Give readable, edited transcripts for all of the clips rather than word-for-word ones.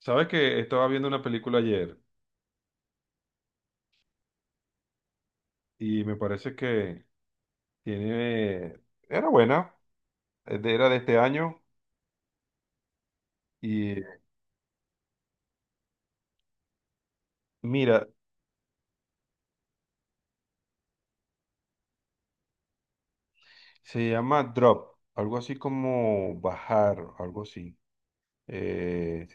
Sabes que estaba viendo una película ayer y me parece que tiene, era buena, era de este año y mira, se llama Drop, algo así como bajar, algo así. Eh,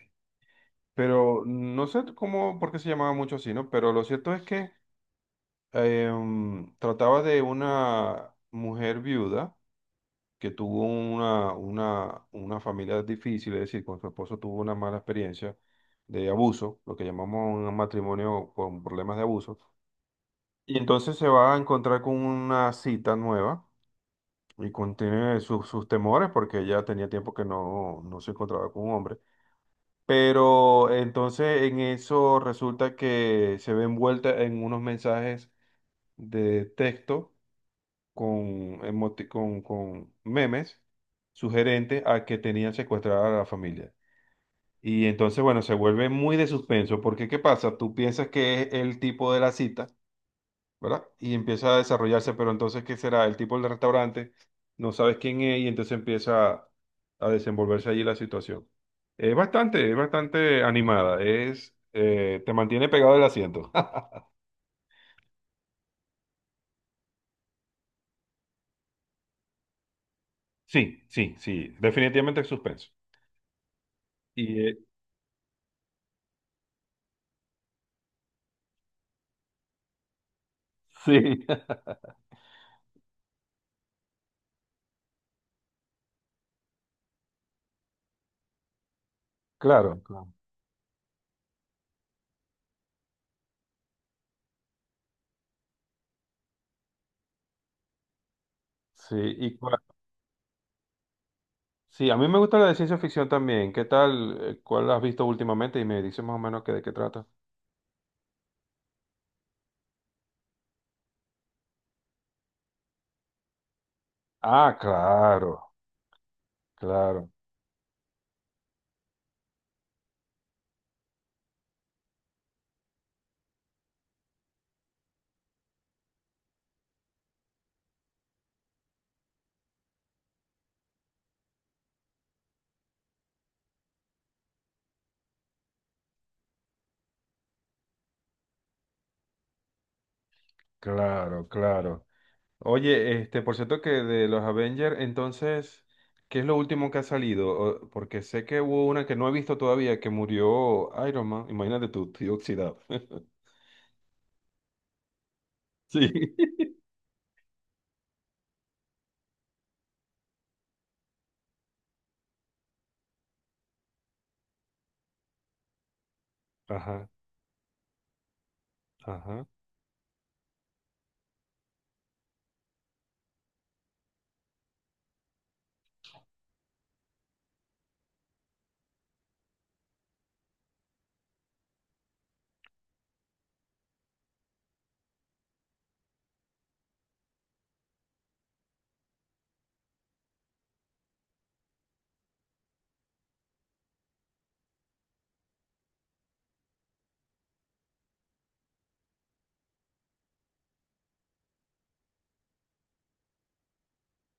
pero no sé cómo, por qué se llamaba mucho así, ¿no? Pero lo cierto es que trataba de una mujer viuda que tuvo una familia difícil, es decir, con su esposo tuvo una mala experiencia de abuso, lo que llamamos un matrimonio con problemas de abuso, y entonces se va a encontrar con una cita nueva y contiene sus temores porque ella tenía tiempo que no se encontraba con un hombre. Pero entonces en eso resulta que se ve envuelta en unos mensajes de texto con memes sugerentes a que tenían secuestrada a la familia. Y entonces, bueno, se vuelve muy de suspenso, porque ¿qué pasa? Tú piensas que es el tipo de la cita, ¿verdad? Y empieza a desarrollarse, pero entonces, ¿qué será? El tipo del restaurante, no sabes quién es, y entonces empieza a desenvolverse allí la situación. Es bastante animada, es, te mantiene pegado el asiento. Sí, sí, sí, definitivamente es suspenso. Y, sí. Claro, claro. Sí, sí, a mí me gusta la de ciencia ficción también. ¿Qué tal? ¿Cuál has visto últimamente? Y me dices más o menos que de qué trata. Ah, claro, claro, claro, claro. Oye, este, por cierto que de los Avengers, entonces, ¿qué es lo último que ha salido? Porque sé que hubo una que no he visto todavía, que murió Iron Man. Imagínate tú, estoy oxidado. Sí. Ajá, ajá.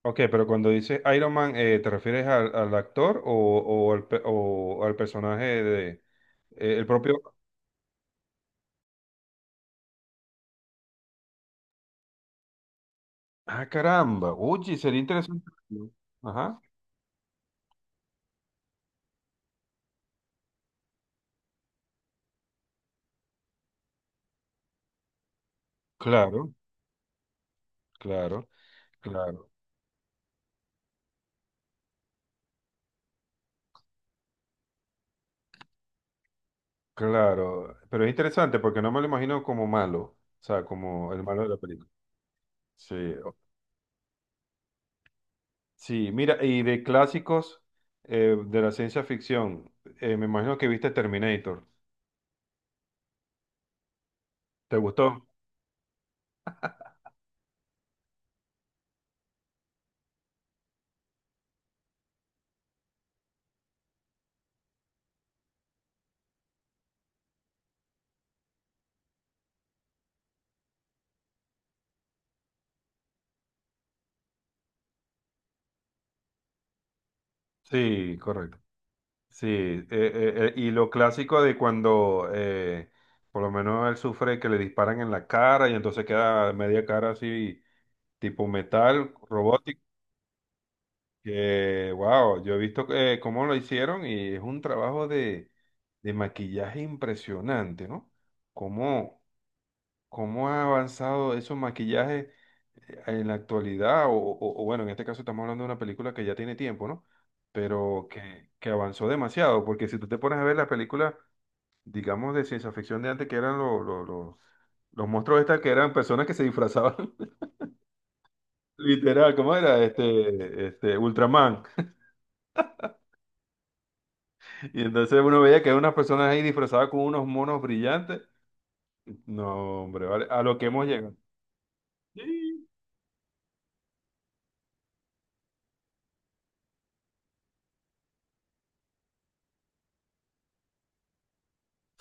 Ok, pero cuando dices Iron Man, ¿te refieres al, al actor o, o al personaje de... el propio. Ah, caramba. Oye, sería interesante verlo. Ajá. Claro, claro, claro, claro. Pero es interesante porque no me lo imagino como malo. O sea, como el malo de la película. Sí. o- Sí, mira, y de clásicos de la ciencia ficción, me imagino que viste Terminator. ¿Te gustó? Sí, correcto. Sí, y lo clásico de cuando por lo menos él sufre que le disparan en la cara y entonces queda media cara así tipo metal, robótico, que, wow, yo he visto cómo lo hicieron y es un trabajo de maquillaje impresionante, ¿no? Cómo, cómo ha avanzado esos maquillajes en la actualidad, o bueno, en este caso estamos hablando de una película que ya tiene tiempo, ¿no? Pero que avanzó demasiado, porque si tú te pones a ver las películas, digamos, de ciencia ficción de antes, que eran los monstruos estas, que eran personas que se disfrazaban, literal, ¿cómo era? Este, Ultraman. Y entonces uno veía que hay unas personas ahí disfrazadas con unos monos brillantes. No, hombre, ¿vale? A lo que hemos llegado. Sí,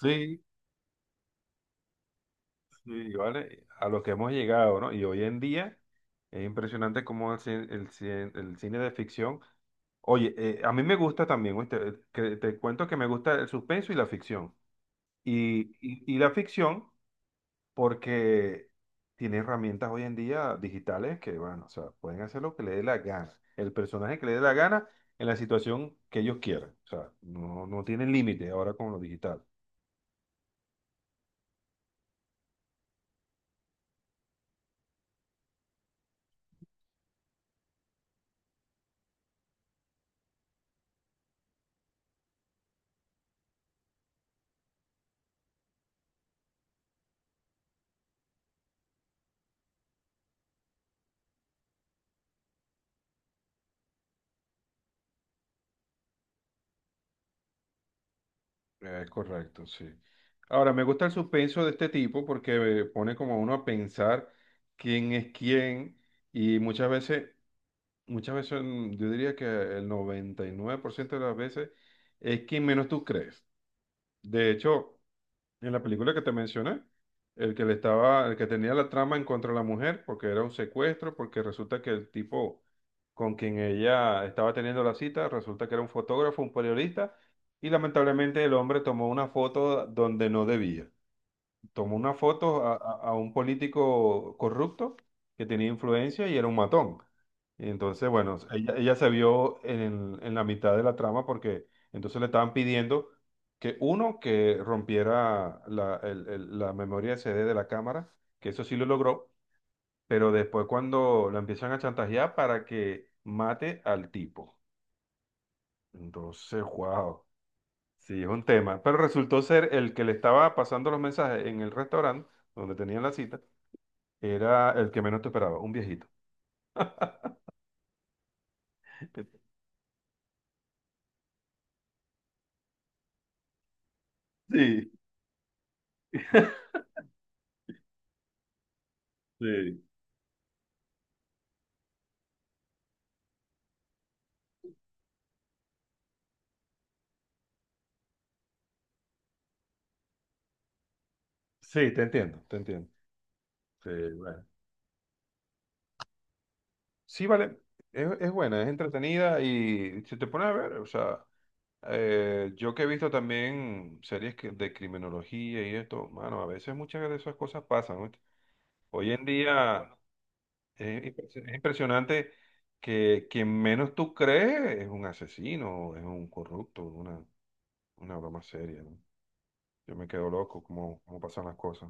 sí, sí, ¿vale? A lo que hemos llegado, ¿no? Y hoy en día es impresionante cómo el cine de ficción... Oye, a mí me gusta también, ¿oíste? Que te cuento que me gusta el suspenso y la ficción. Y la ficción porque tiene herramientas hoy en día digitales que, bueno, o sea, pueden hacer lo que le dé la gana, el personaje que le dé la gana en la situación que ellos quieran. O sea, no tienen límite ahora con lo digital. Es correcto, sí. Ahora, me gusta el suspenso de este tipo porque pone como a uno a pensar quién es quién y muchas veces yo diría que el 99% de las veces es quien menos tú crees. De hecho, en la película que te mencioné, el que tenía la trama en contra de la mujer, porque era un secuestro, porque resulta que el tipo con quien ella estaba teniendo la cita, resulta que era un fotógrafo, un periodista, y lamentablemente el hombre tomó una foto donde no debía, tomó una foto a un político corrupto que tenía influencia y era un matón. Y entonces, bueno, ella se vio en la mitad de la trama porque entonces le estaban pidiendo que uno, que rompiera la memoria CD de la cámara, que eso sí lo logró, pero después cuando la empiezan a chantajear para que mate al tipo. Entonces, wow, sí, es un tema. Pero resultó ser el que le estaba pasando los mensajes en el restaurante donde tenían la cita era el que menos te esperaba, un viejito. Sí, sí. Sí, te entiendo, te entiendo. Sí, bueno. Sí, vale, es buena, es entretenida y si te pones a ver, o sea, yo que he visto también de criminología y esto, mano, a veces muchas de esas cosas pasan, ¿oíste? Hoy en día es impresionante que quien menos tú crees es un asesino, es un corrupto, una broma seria, ¿no? Yo me quedo loco cómo, cómo pasan las cosas.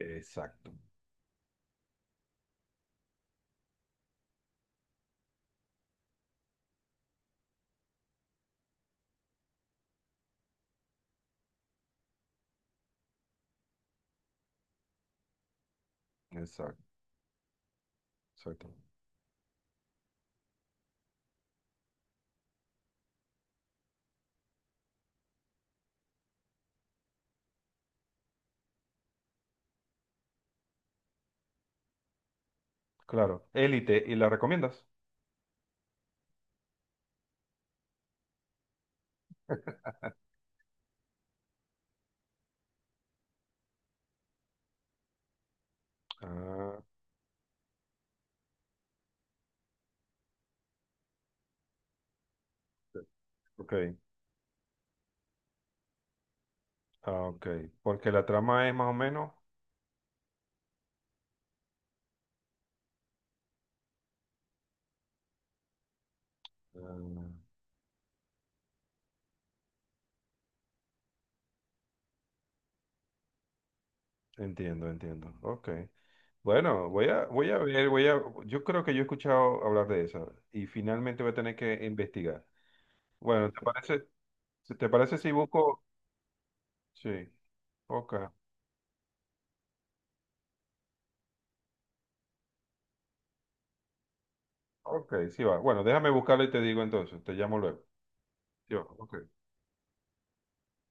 Exacto, exacto, exacto. Claro, Élite, ¿y la recomiendas? Ah, ok, ah, ok, porque la trama es más o menos. Ah, entiendo, entiendo. Ok. Bueno, voy a, voy a ver, voy a, yo creo que yo he escuchado hablar de esa y finalmente voy a tener que investigar. Bueno, te parece si busco? Sí, ok, ok, sí va. Bueno, déjame buscarlo y te digo entonces, te llamo luego. Sí va, ok.